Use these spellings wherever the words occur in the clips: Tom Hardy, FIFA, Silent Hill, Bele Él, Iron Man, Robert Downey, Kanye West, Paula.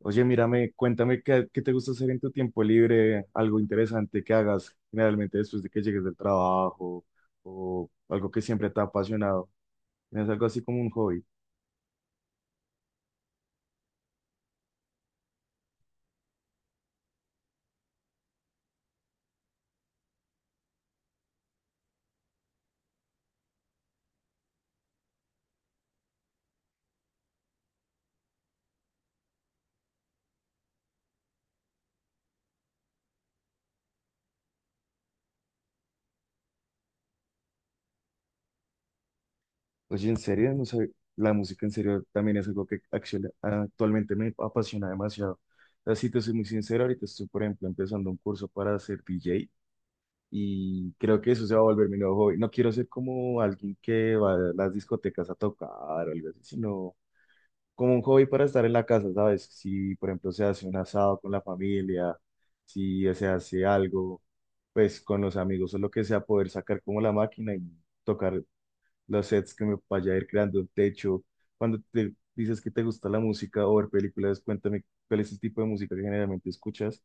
Oye, mírame, cuéntame qué te gusta hacer en tu tiempo libre, algo interesante que hagas generalmente después de que llegues del trabajo o algo que siempre te ha apasionado. ¿Tienes algo así como un hobby? Oye, en serio, no sé, la música en serio también es algo que actualmente me apasiona demasiado. Así te soy muy sincero, ahorita estoy, por ejemplo, empezando un curso para ser DJ y creo que eso se va a volver mi nuevo hobby. No quiero ser como alguien que va a las discotecas a tocar o algo así, sino como un hobby para estar en la casa, ¿sabes? Si, por ejemplo, se hace un asado con la familia, si se hace algo, pues con los amigos o lo que sea, poder sacar como la máquina y tocar los sets que me vaya a ir creando, de techo. Cuando te dices que te gusta la música o ver películas, cuéntame cuál es el tipo de música que generalmente escuchas.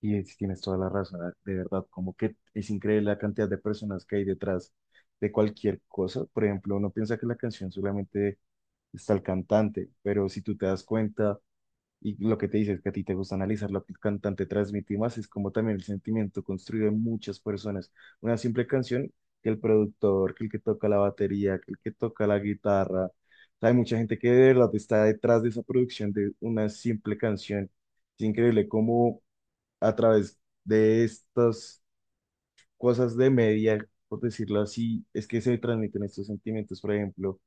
Tienes toda la razón, de verdad, como que es increíble la cantidad de personas que hay detrás de cualquier cosa. Por ejemplo, uno piensa que la canción solamente está el cantante, pero si tú te das cuenta y lo que te dices que a ti te gusta analizar lo que el cantante transmite y más, es como también el sentimiento construido en muchas personas. Una simple canción que el productor, que el que toca la batería, que el que toca la guitarra. Hay mucha gente que de verdad está detrás de esa producción de una simple canción. Es increíble cómo a través de estos cosas de media, por decirlo así, es que se transmiten estos sentimientos. Por ejemplo,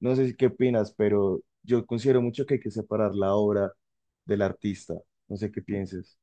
no sé si qué opinas, pero yo considero mucho que hay que separar la obra del artista. No sé qué pienses.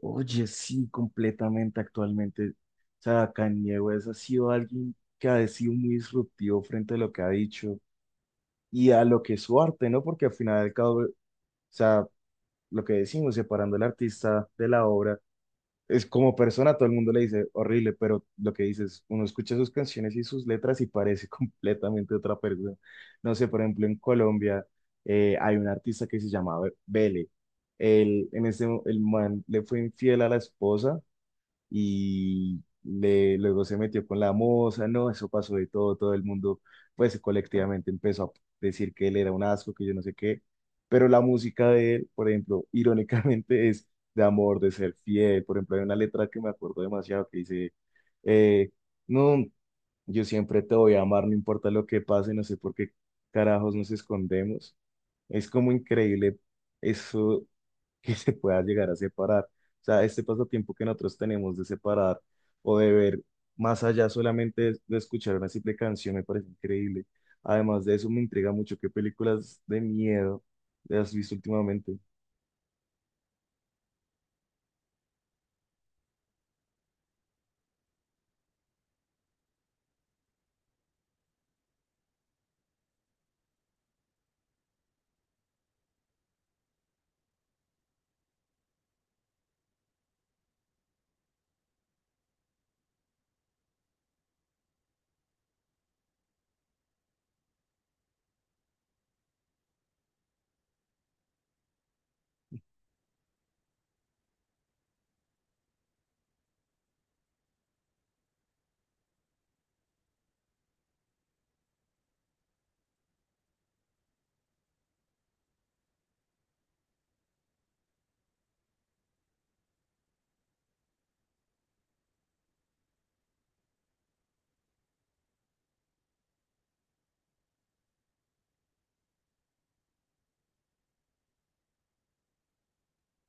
Oye, sí, completamente actualmente. O sea, Kanye West ha sido alguien que ha sido muy disruptivo frente a lo que ha dicho y a lo que es su arte, ¿no? Porque al final del cabo, o sea, lo que decimos, separando al artista de la obra, es como persona, todo el mundo le dice horrible, pero lo que dices, uno escucha sus canciones y sus letras y parece completamente otra persona. No sé, por ejemplo, en Colombia hay un artista que se llamaba Bele. Él, en ese, el man le fue infiel a la esposa y le, luego se metió con la moza, no, eso pasó de todo, todo el mundo pues colectivamente empezó a decir que él era un asco, que yo no sé qué, pero la música de él, por ejemplo, irónicamente es de amor, de ser fiel. Por ejemplo, hay una letra que me acuerdo demasiado que dice, eh, no, yo siempre te voy a amar, no importa lo que pase, no sé por qué carajos nos escondemos. Es como increíble eso que se pueda llegar a separar. O sea, este pasatiempo que nosotros tenemos de separar o de ver más allá solamente de, escuchar una simple canción me parece increíble. Además de eso, me intriga mucho qué películas de miedo has visto últimamente.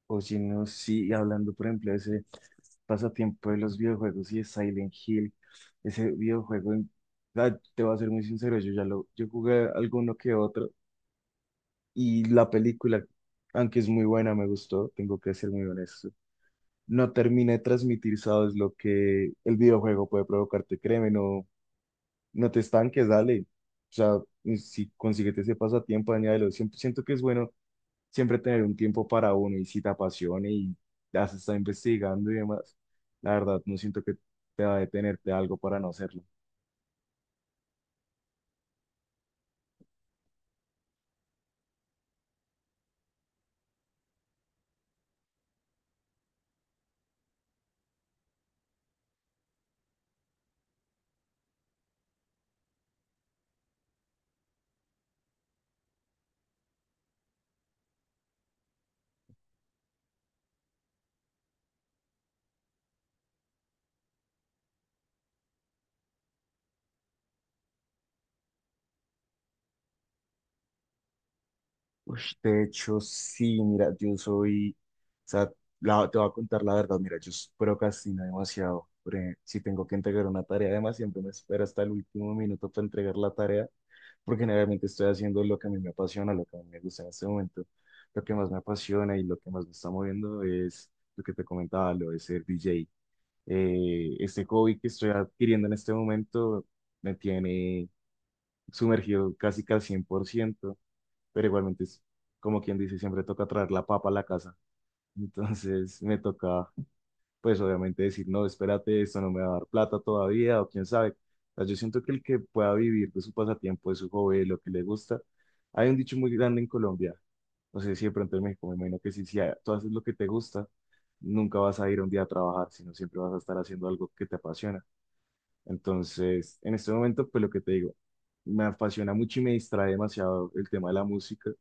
O si no, sí, hablando, por ejemplo, de ese pasatiempo de los videojuegos y de Silent Hill, ese videojuego, te voy a ser muy sincero, yo jugué alguno que otro y la película, aunque es muy buena, me gustó, tengo que ser muy honesto, no termina de transmitir, sabes, lo que el videojuego puede provocarte. Créeme, no, no te estanques, dale. O sea, si consíguete ese pasatiempo, añádelo. Siempre, siento que es bueno siempre tener un tiempo para uno y si te apasiona y has estado investigando y demás, la verdad, no siento que te va a detenerte algo para no hacerlo. Ush, de hecho, sí, mira, yo soy, o sea, te voy a contar la verdad, mira, procrastino demasiado. Si tengo que entregar una tarea, además siempre me espero hasta el último minuto para entregar la tarea, porque generalmente estoy haciendo lo que a mí me apasiona, lo que a mí me gusta en este momento. Lo que más me apasiona y lo que más me está moviendo es lo que te comentaba, lo de ser DJ. Este hobby que estoy adquiriendo en este momento me tiene sumergido casi que al 100%, pero igualmente es como quien dice, siempre toca traer la papa a la casa. Entonces me toca, pues obviamente decir, no, espérate, esto no me va a dar plata todavía, o quién sabe. O sea, yo siento que el que pueda vivir de su pasatiempo, de su hobby, de lo que le gusta, hay un dicho muy grande en Colombia, no sé si de pronto en México, me imagino que si, tú haces lo que te gusta, nunca vas a ir un día a trabajar, sino siempre vas a estar haciendo algo que te apasiona. Entonces, en este momento, pues lo que te digo, me apasiona mucho y me distrae demasiado el tema de la música,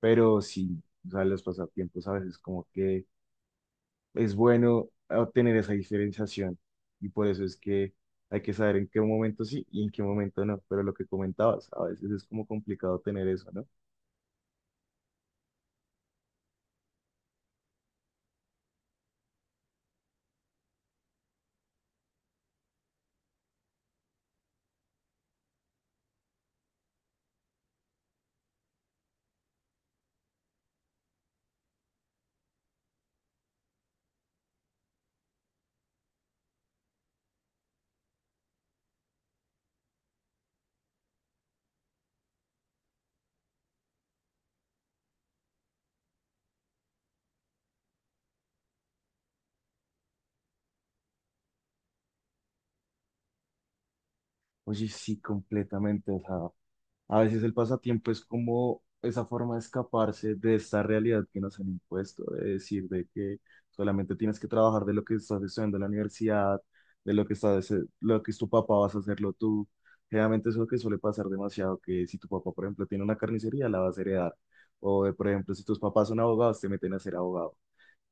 pero sí, o sea, los pasatiempos a veces como que es bueno obtener esa diferenciación y por eso es que hay que saber en qué momento sí y en qué momento no, pero lo que comentabas, a veces es como complicado tener eso, ¿no? Oye, sí, completamente, o sea, a veces el pasatiempo es como esa forma de escaparse de esta realidad que nos han impuesto, de decir de que solamente tienes que trabajar de lo que estás estudiando en la universidad, de lo que estás, lo que es tu papá, vas a hacerlo tú. Generalmente eso es lo que suele pasar demasiado, que si tu papá, por ejemplo, tiene una carnicería, la vas a heredar. O, de, por ejemplo, si tus papás son abogados, te meten a ser abogado.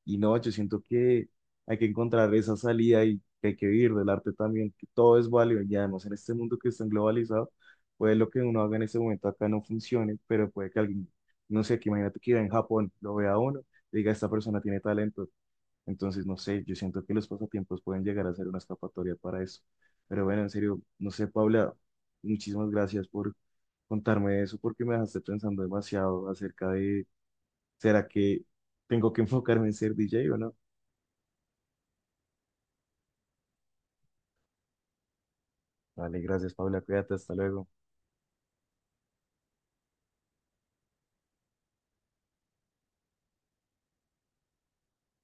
Y no, yo siento que hay que encontrar esa salida y que hay que vivir del arte también, que todo es válido. Y además en este mundo que está globalizado, puede lo que uno haga en este momento acá no funcione, pero puede que alguien, no sé, que imagínate que viva en Japón, lo vea uno, diga, esta persona tiene talento. Entonces, no sé, yo siento que los pasatiempos pueden llegar a ser una escapatoria para eso. Pero bueno, en serio, no sé, Paula, muchísimas gracias por contarme eso, porque me dejaste pensando demasiado acerca de, ¿será que tengo que enfocarme en ser DJ o no? Vale, gracias, Paula. Cuídate, hasta luego.